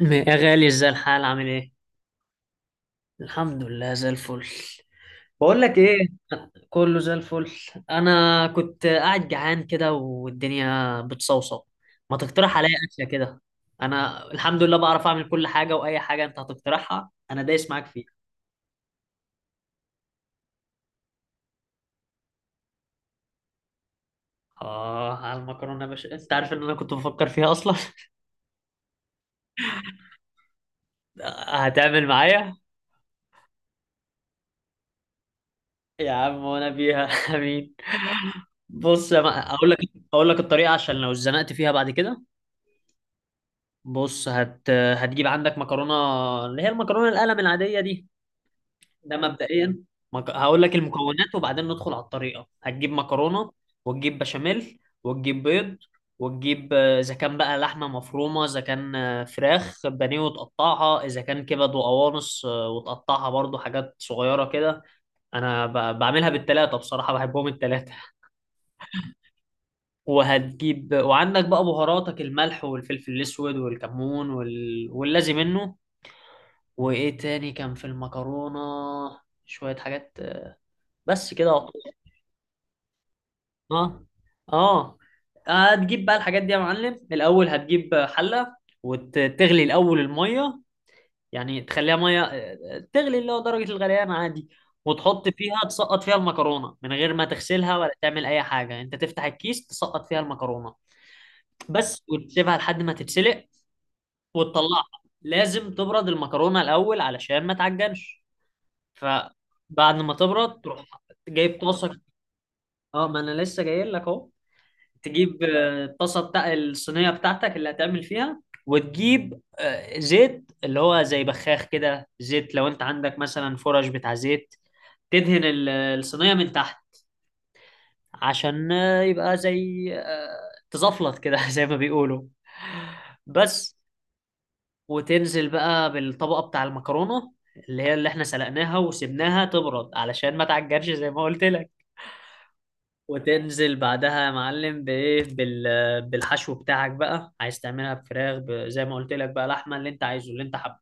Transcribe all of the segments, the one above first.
يا غالي، ازاي الحال عامل ايه؟ الحمد لله زي الفل. بقول لك ايه، كله زي الفل. انا كنت قاعد جعان كده والدنيا بتصوصو. ما تقترح عليا اكله كده؟ انا الحمد لله بعرف اعمل كل حاجه، واي حاجه انت هتقترحها انا دايس معاك فيها. اه، على المكرونه يا باشا، انت عارف ان انا كنت بفكر فيها اصلا. هتعمل معايا؟ يا عم وانا بيها. امين. بص يا ما... اقول لك. اقول لك الطريقه عشان لو اتزنقت فيها بعد كده. بص، هتجيب عندك مكرونة، اللي هي المكرونة القلم العادية دي. ده مبدئيا. هقول لك المكونات وبعدين ندخل على الطريقة. هتجيب مكرونة وتجيب بشاميل وتجيب بيض، وتجيب إذا كان بقى لحمة مفرومة، إذا كان فراخ بانيه وتقطعها، إذا كان كبد وقوانص وتقطعها برضو حاجات صغيرة كده. أنا بعملها بالتلاتة، بصراحة بحبهم التلاتة. وهتجيب، وعندك بقى بهاراتك، الملح والفلفل الأسود والكمون واللازم منه. وايه تاني كان في المكرونة؟ شوية حاجات. بس كده وخلاص. اه. اه. هتجيب بقى الحاجات دي يا معلم. الاول هتجيب حلة وتغلي الاول المية، يعني تخليها مية، تغلي اللي هو درجة الغليان عادي. وتحط فيها، تسقط فيها المكرونة من غير ما تغسلها ولا تعمل اي حاجة. انت تفتح الكيس، تسقط فيها المكرونة بس، وتسيبها لحد ما تتسلق وتطلعها. لازم تبرد المكرونة الاول علشان ما تعجنش، فبعد ما تبرد تروح جايب طاسه. اه، ما انا لسه جاي لك اهو. تجيب الطاسه بتاع الصينيه بتاعتك اللي هتعمل فيها، وتجيب زيت، اللي هو زي بخاخ كده، زيت لو انت عندك مثلا فرش بتاع زيت، تدهن الصينيه من تحت عشان يبقى زي تزفلط كده، زي ما بيقولوا. بس. وتنزل بقى بالطبقه بتاع المكرونه اللي هي اللي احنا سلقناها وسبناها تبرد علشان ما تعجنش زي ما قلت لك. وتنزل بعدها يا معلم بايه، بالحشو بتاعك بقى. عايز تعملها بفراخ، زي ما قلت لك بقى، لحمه، اللي انت عايزه، اللي انت حابه.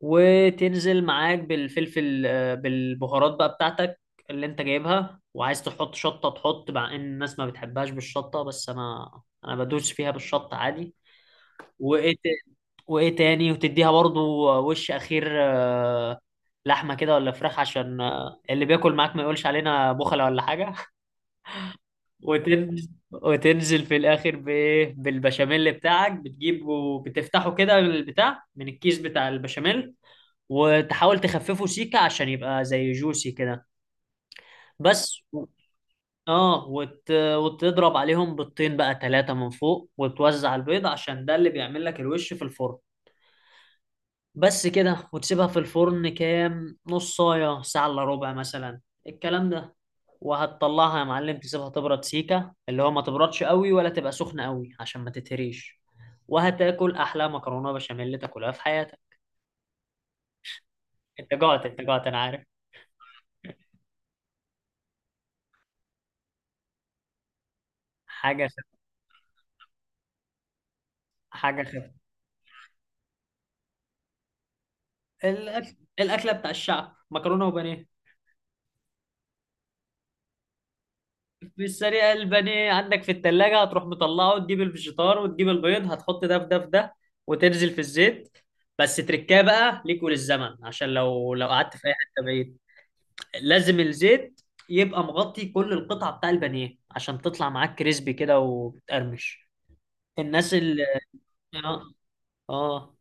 وتنزل معاك بالفلفل بالبهارات بقى بتاعتك اللي انت جايبها، وعايز تحط شطه تحط. مع ان الناس ما بتحبهاش بالشطه، بس انا، انا بدوس فيها بالشطه عادي. وايه ت- وايه تاني؟ وتديها برضو وش اخير لحمه كده ولا فراخ، عشان اللي بياكل معاك ما يقولش علينا بخله ولا حاجه. وتنزل في الاخر بايه، بالبشاميل بتاعك، بتجيبه بتفتحه كده البتاع من الكيس بتاع البشاميل، وتحاول تخففه سيكه عشان يبقى زي جوسي كده. بس. اه، وتضرب عليهم بيضتين بقى، ثلاثه من فوق، وتوزع البيض عشان ده اللي بيعمل لك الوش في الفرن. بس كده، وتسيبها في الفرن كام نص ساعه، ساعه الا ربع مثلا، الكلام ده. وهتطلعها يا معلم، تسيبها تبرد سيكة، اللي هو ما تبردش قوي ولا تبقى سخنة قوي عشان ما تتهريش. وهتاكل أحلى مكرونة بشاميل تاكلها في حياتك. أنت جعت، أنت جعت، أنا عارف. حاجة خف. حاجة خف. الأكلة بتاع الشعب، مكرونة وبانيه. في السريع البانيه عندك في التلاجة، هتروح مطلعه وتجيب الفيجيتار وتجيب البيض، هتحط ده في ده في ده وتنزل في الزيت. بس تركاه بقى ليك وللزمن، عشان لو قعدت في أي حتة بعيد، لازم الزيت يبقى مغطي كل القطعة بتاع البانيه عشان تطلع معاك كريسبي كده وبتقرمش. الناس اللي اه. اه.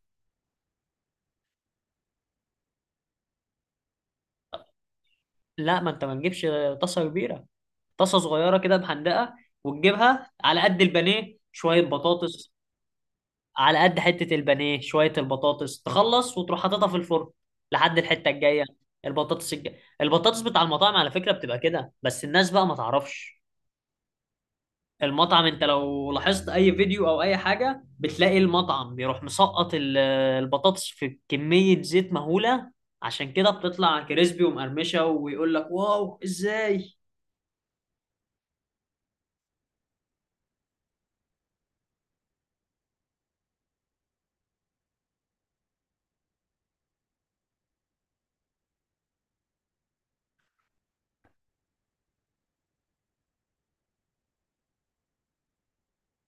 لا، ما انت ما تجيبش طاسة كبيرة، طاسة صغيرة كده محندقة، وتجيبها على قد البانيه، شوية بطاطس على قد حتة البانيه، شوية البطاطس تخلص وتروح حاططها في الفرن لحد الحتة الجاية. البطاطس الج... البطاطس بتاع المطاعم على فكرة بتبقى كده، بس الناس بقى ما تعرفش. المطعم، انت لو لاحظت اي فيديو او اي حاجه، بتلاقي المطعم بيروح مسقط البطاطس في كميه زيت مهوله، عشان كده بتطلع كريسبي ومقرمشه ويقول لك واو ازاي.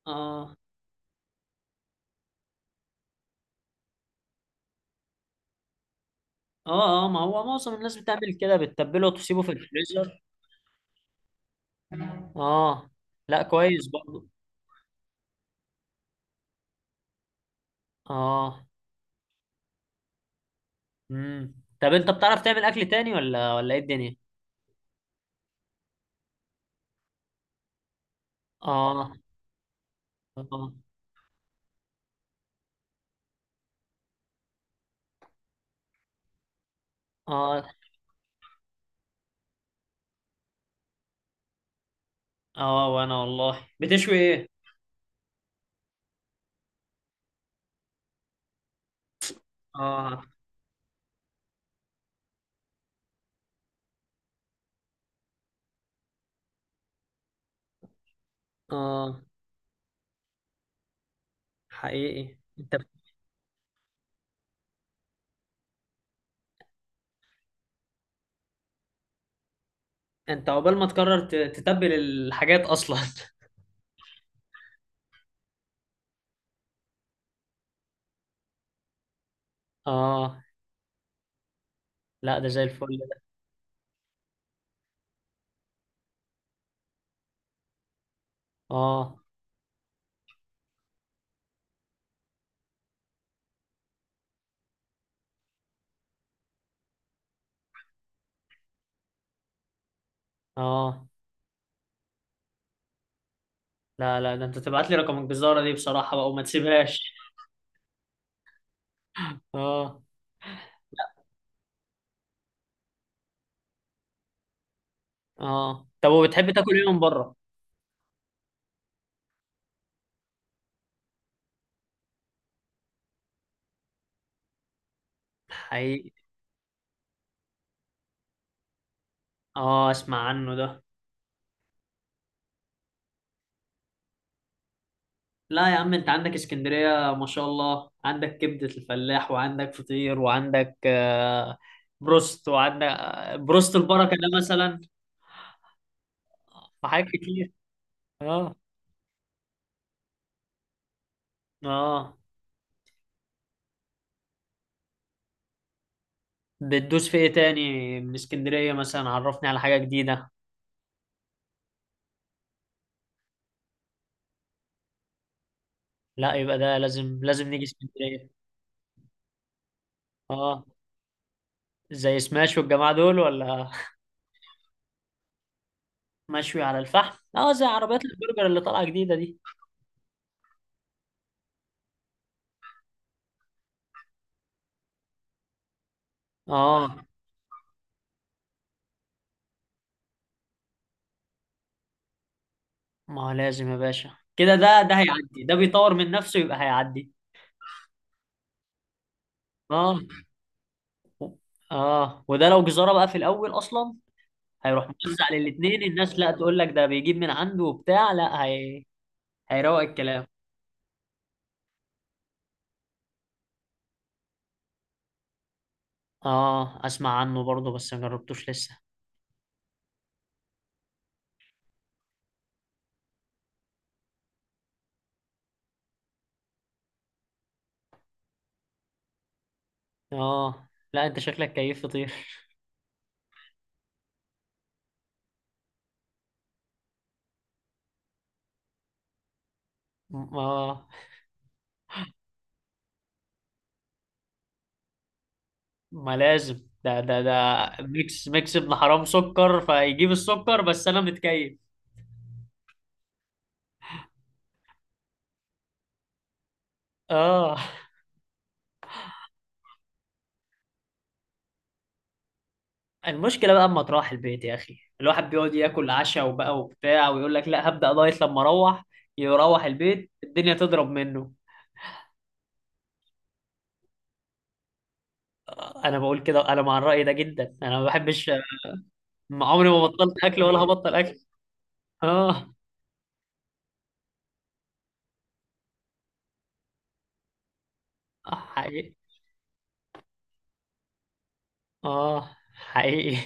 اه. اه. اه، ما هو معظم الناس بتعمل كده، بتتبله وتسيبه في الفريزر. اه لا كويس برضه. اه. امم. طب انت بتعرف تعمل اكل تاني ولا ايه الدنيا؟ اه. اه. اه. اه. وانا والله بتشوي ايه؟ اه. اه. حقيقي انت. انت عقبال ما تقرر تتبل الحاجات اصلا. اه لا، ده زي الفل ده. اه. اه. لا، لا، ده انت تبعت لي رقم الجزارة دي بصراحة بقى، وما تسيبهاش. اه. اه. طب وبتحب تاكل ايه من بره؟ حقيقي. اه اسمع عنه ده. لا يا عم، انت عندك اسكندرية ما شاء الله، عندك كبدة الفلاح وعندك فطير وعندك بروست، وعندك بروست البركة ده مثلا، وحاجات كتير. اه. اه. بتدوس في ايه تاني من اسكندرية مثلا؟ عرفني على حاجة جديدة. لا يبقى ده لازم لازم نيجي اسكندرية. اه، زي سماش والجماعة دول ولا؟ مشوي على الفحم. اه زي عربيات البرجر اللي طالعة جديدة دي. اه، ما هو لازم يا باشا كده، ده هيعدي، ده بيطور من نفسه يبقى هيعدي. اه. اه. وده لو جزارة بقى في الاول اصلا، هيروح موزع للاتنين. الناس لا تقول لك ده بيجيب من عنده وبتاع، لا، هي هيروق الكلام. اه اسمع عنه برضه، بس ما جربتوش لسه. اه لا انت شكلك كيف فطير. ما ما لازم، ده. ميكس، ميكس ابن حرام، سكر فيجيب السكر، بس انا متكيف. اه، المشكله بقى اما تروح البيت يا اخي، الواحد بيقعد ياكل عشاء وبقى وبتاع، ويقول لك لا هبدا دايت لما اروح، يروح البيت الدنيا تضرب منه. انا بقول كده، انا مع الراي ده جدا، انا ما بحبش. ما عمري ما بطلت اكل ولا هبطل اكل. اه. حقيقي. اه حقيقي.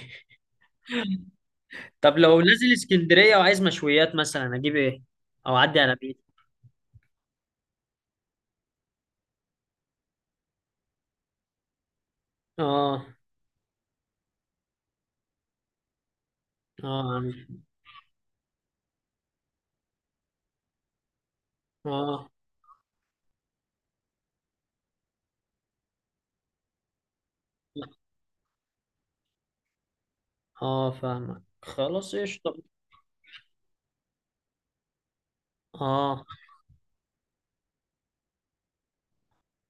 طب لو نازل اسكندرية وعايز مشويات مثلا، اجيب ايه او اعدي على بيت؟ اه. اه. اه. اه. فاهمك خلاص، ايش طب؟ اه.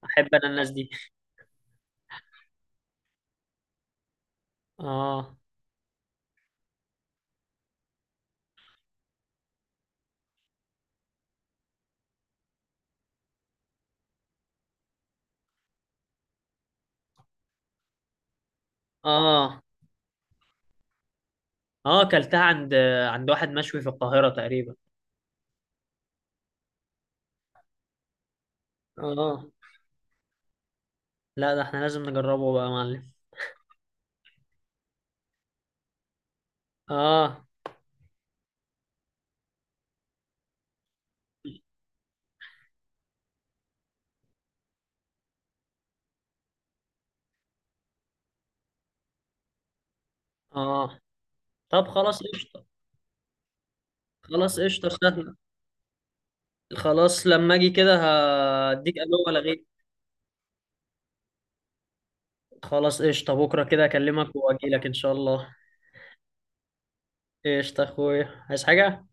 احب انا الناس دي. اه. اه. اه. اكلتها عند واحد مشوي في القاهرة تقريبا. اه لا، ده احنا لازم نجربه بقى يا معلم. اه. اه. طب خلاص قشطة. خلاص قشطة سهلة. خلاص لما اجي كده هديك الو ولا غير. خلاص قشطة، بكرة كده اكلمك واجيلك ان شاء الله. ايش اخوي، عايز حاجة؟